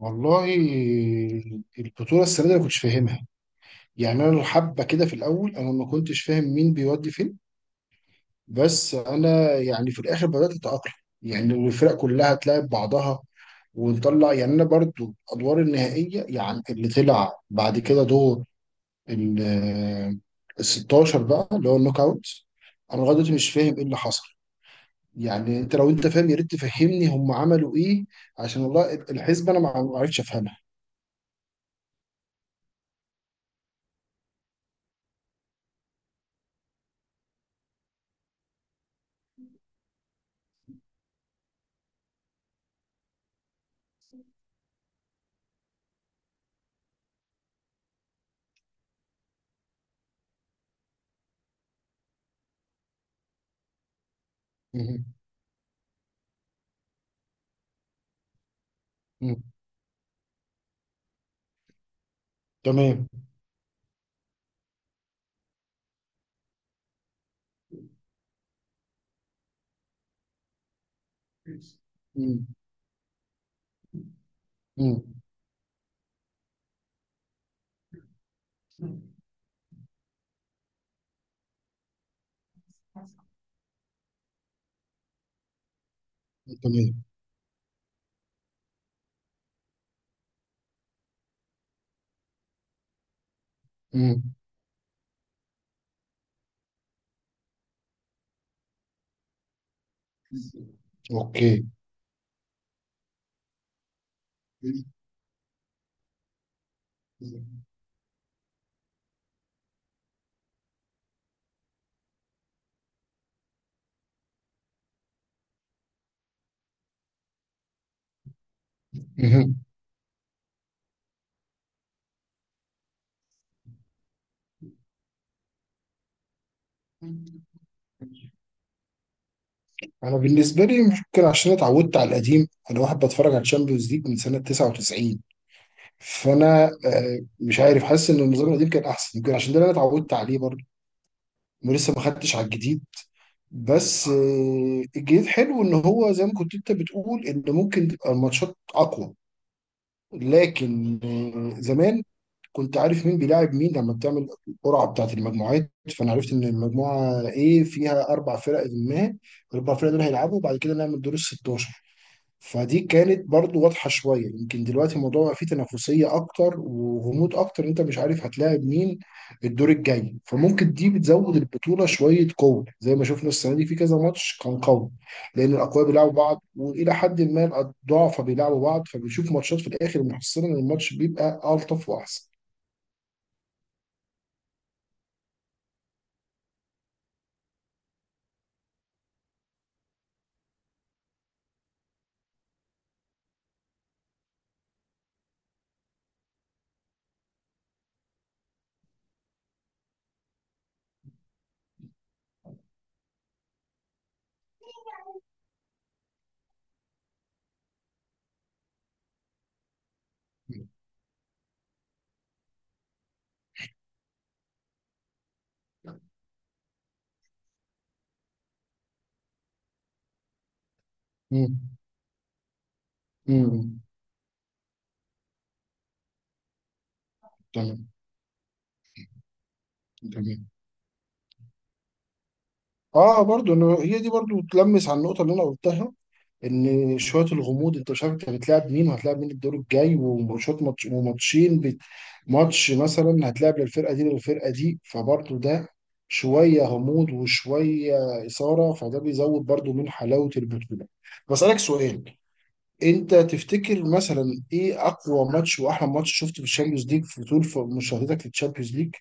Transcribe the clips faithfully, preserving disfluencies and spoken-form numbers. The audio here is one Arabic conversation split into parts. والله، البطولة السنة دي أنا كنتش فاهمها. يعني أنا حبة كده في الأول، أنا ما كنتش فاهم مين بيودي فين. بس أنا يعني في الآخر بدأت أتأقلم. يعني الفرق كلها تلاعب بعضها ونطلع. يعني أنا برضو الأدوار النهائية، يعني اللي طلع بعد كده دور ال ال ستة عشر بقى اللي هو النوك أوت. أنا لغاية دلوقتي مش فاهم إيه اللي حصل. يعني أنت، لو أنت فاهم يا ريت تفهمني هم عملوا إيه. عشان والله الحسبة أنا ما ما عرفتش أفهمها. مهم. مم. تمام. مم. مم. تمام. مم. اوكي. مهم. انا بالنسبه لي ممكن، عشان اتعودت على القديم. انا واحد بتفرج على الشامبيونز ليج من سنه تسعة وتسعين. فانا آه، مش عارف، حاسس ان النظام القديم كان احسن، يمكن عشان ده اللي انا اتعودت عليه برضه ولسه ما خدتش على الجديد. بس آه، الجديد حلو، ان هو زي ما كنت انت بتقول، ان ممكن تبقى الماتشات اقوى. لكن آه، زمان كنت عارف مين بيلاعب مين لما بتعمل القرعه بتاعت المجموعات. فانا عرفت ان المجموعه ايه فيها اربع فرق، ما الاربع فرق دول هيلعبوا وبعد كده نعمل دور ال ستة عشر. فدي كانت برضو واضحه شويه. يمكن دلوقتي الموضوع بقى فيه تنافسيه اكتر وغموض اكتر، انت مش عارف هتلاعب مين الدور الجاي. فممكن دي بتزود البطوله شويه قوه، زي ما شفنا السنه دي في كذا ماتش كان قوي، لان الاقوياء بيلعبوا بعض والى حد ما الضعفاء بيلعبوا بعض، فبنشوف ماتشات في الاخر محصله ان الماتش بيبقى الطف واحسن. مم. مم. تمام. تمام. اه، برضو انه هي دي برضو تلمس على النقطه اللي انا قلتها، ان شويه الغموض انت مش عارف انت بتلعب مين وهتلعب مين الدور الجاي. وماتشات ماتش وماتشين بت- ماتش مثلا هتلعب للفرقه دي للفرقه دي، فبرضو ده شويه غموض وشويه اثاره، فده بيزود برضو من حلاوه البطوله. بسالك سؤال، انت تفتكر مثلا ايه اقوى ماتش واحلى ماتش شفته في الشامبيونز ليج في طول في- مشاهدتك للشامبيونز ليج؟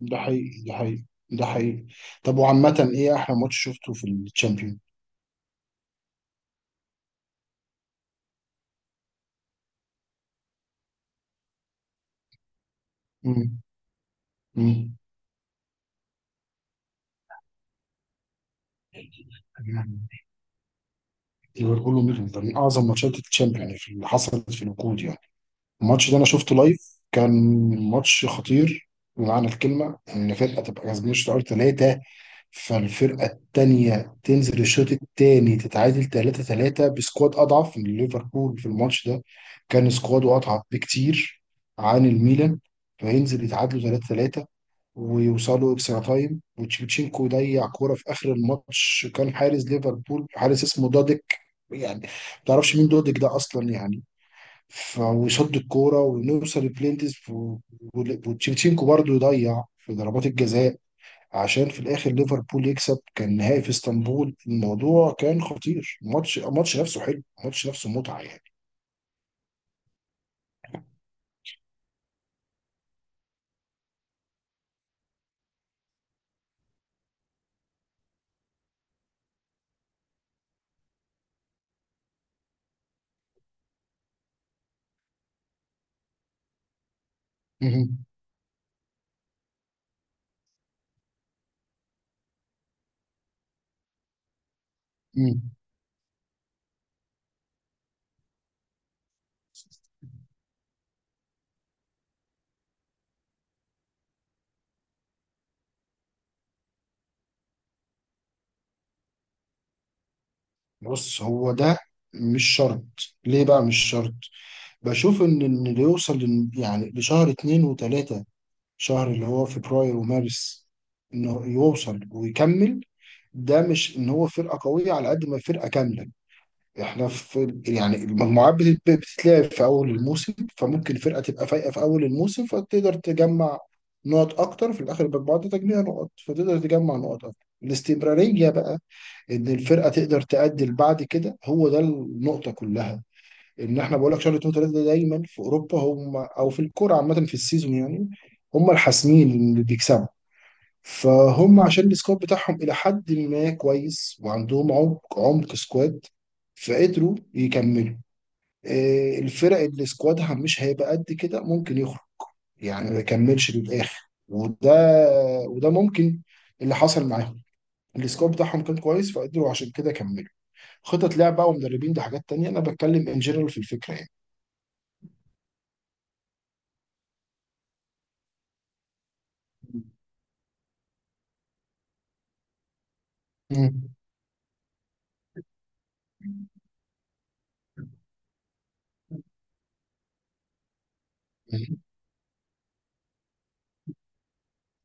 ده حقيقي، ده حقيقي، ده حقيقي. طب وعامة ايه احلى ماتش شفته في الشامبيون؟ امم. امم. يعني ليفربول وميدلتون من اعظم ماتشات الشامبيون، يعني في- اللي حصلت في الوقود يعني. الماتش ده انا شفته لايف، كان ماتش خطير بمعنى الكلمه. ان فرقه تبقى كسبانه الشوط الاول ثلاثه، فالفرقه الثانيه تنزل الشوط الثاني تتعادل ثلاثة ثلاثة، بسكواد اضعف من ليفربول في الماتش ده. كان سكواده اضعف بكتير عن الميلان. فينزل يتعادلوا ثلاثة ويوصلوا اكسترا تايم، وتشيفتشينكو يضيع كوره في اخر الماتش. كان حارس ليفربول، حارس اسمه دوديك. يعني ما تعرفش مين دوديك ده اصلا يعني. ف- ويصد الكوره ونوصل لبلينتس و- و- وتشيفتشينكو برضه يضيع في ضربات الجزاء، عشان في الاخر ليفربول يكسب. كان نهائي في اسطنبول، الموضوع كان خطير. الماتش الماتش نفسه حلو، الماتش نفسه متعه يعني. مهم. مم. بص هو ده، مش شرط. ليه بقى مش شرط؟ بشوف ان إن اللي يوصل لن- يعني لشهر اتنين وتلاتة، شهر اللي هو فبراير ومارس، انه يوصل ويكمل. ده مش ان هو فرقة قوية، على قد ما فرقة كاملة. احنا في يعني المجموعات بتت- بتتلعب في اول الموسم، فممكن فرقة تبقى فايقة في اول الموسم فتقدر تجمع نقط اكتر في الاخر. يبقى بعد تجميع نقط فتقدر تجمع نقط اكتر. الاستمرارية بقى، ان الفرقة تقدر تأدي بعد كده، هو ده النقطة كلها. ان احنا بقول لك شهر اتنين وتلاته ده دايما في اوروبا، هم او في الكوره عامه في السيزون يعني، هم الحاسمين اللي بيكسبوا. فهم عشان السكواد بتاعهم الى حد ما كويس، وعندهم عمق عمق سكواد، فقدروا يكملوا. آه، الفرق اللي سكوادها مش هيبقى قد كده ممكن يخرج، يعني ما يكملش للاخر. وده وده ممكن اللي حصل معاهم. السكواد بتاعهم كان كويس فقدروا عشان كده كملوا. خطط لعب بقى ومدربين، دي حاجات تانية، انا بتكلم ان جنرال في الفكره يعني.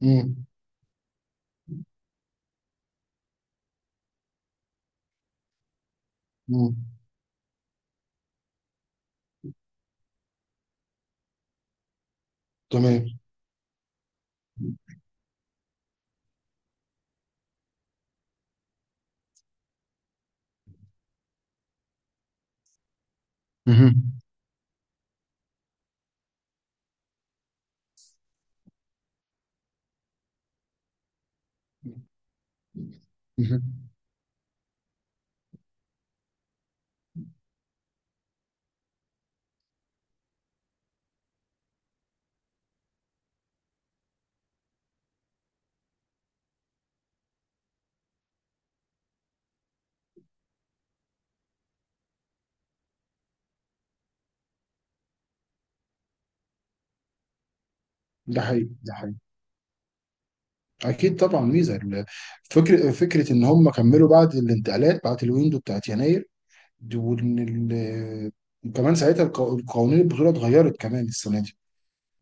مم. مم. تمام. مهم. مهم. ده حقيقي، ده حقيقي. اكيد طبعا ميزه ال- فكره، فكره ان هم كملوا بعد الانتقالات بعد الويندو بتاعت يناير. دي- وان ال- وكمان ساعتها القو- القوانين البطوله اتغيرت كمان السنه دي،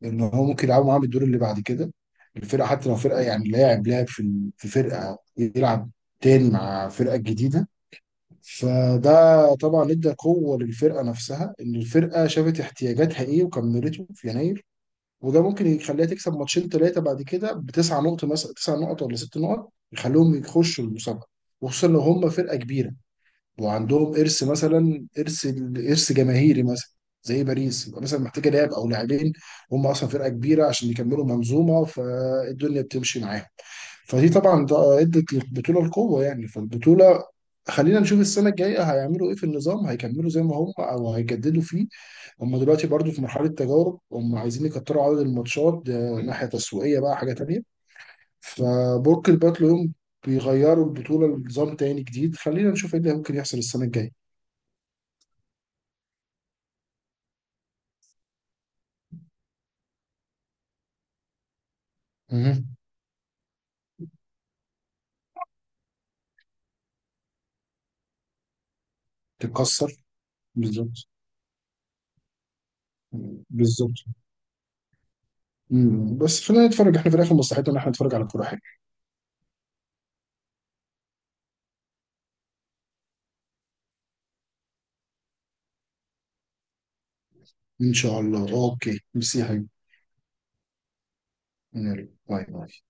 ان هو ممكن يلعبوا معاه بالدور اللي بعد كده الفرقه، حتى لو فرقه يعني لاعب لاعب في ال- في فرقه يلعب تاني مع فرقه جديده. فده طبعا ادى قوة للفرقة نفسها، ان الفرقة شافت احتياجاتها ايه وكملته في يناير. وده ممكن يخليها تكسب ماتشين ثلاثة بعد كده بتسع نقط، مثلا تسع نقط ولا ست نقط، يخليهم يخشوا المسابقة. وخصوصا لو هم فرقة كبيرة وعندهم إرث، مثلا إرث، إرث جماهيري مثلا، زي باريس. يبقى مثلا محتاجة لاعب أو لاعبين، هم أصلا فرقة كبيرة، عشان يكملوا منظومة فالدنيا بتمشي معاهم. فدي طبعا ده- ادت للبطوله القوه يعني. فالبطوله، خلينا نشوف السنه الجايه هيعملوا ايه في النظام، هيكملوا زي ما هم او هيجددوا فيه. هم دلوقتي برضو في مرحله تجارب، هم عايزين يكتروا عدد الماتشات، ده ناحيه تسويقيه بقى حاجه تانيه. فبرج الباتل يوم بيغيروا البطوله لنظام تاني جديد. خلينا نشوف ايه اللي ممكن يحصل السنه الجايه. مهم. تتكسر. بالظبط. بالظبط. مم. بس خلينا نتفرج، احنا في الاخر مصلحتنا ان احنا نتفرج على كوره حلوه. ان شاء الله. اوكي، ميرسي يا حبيبي. يلا. باي باي.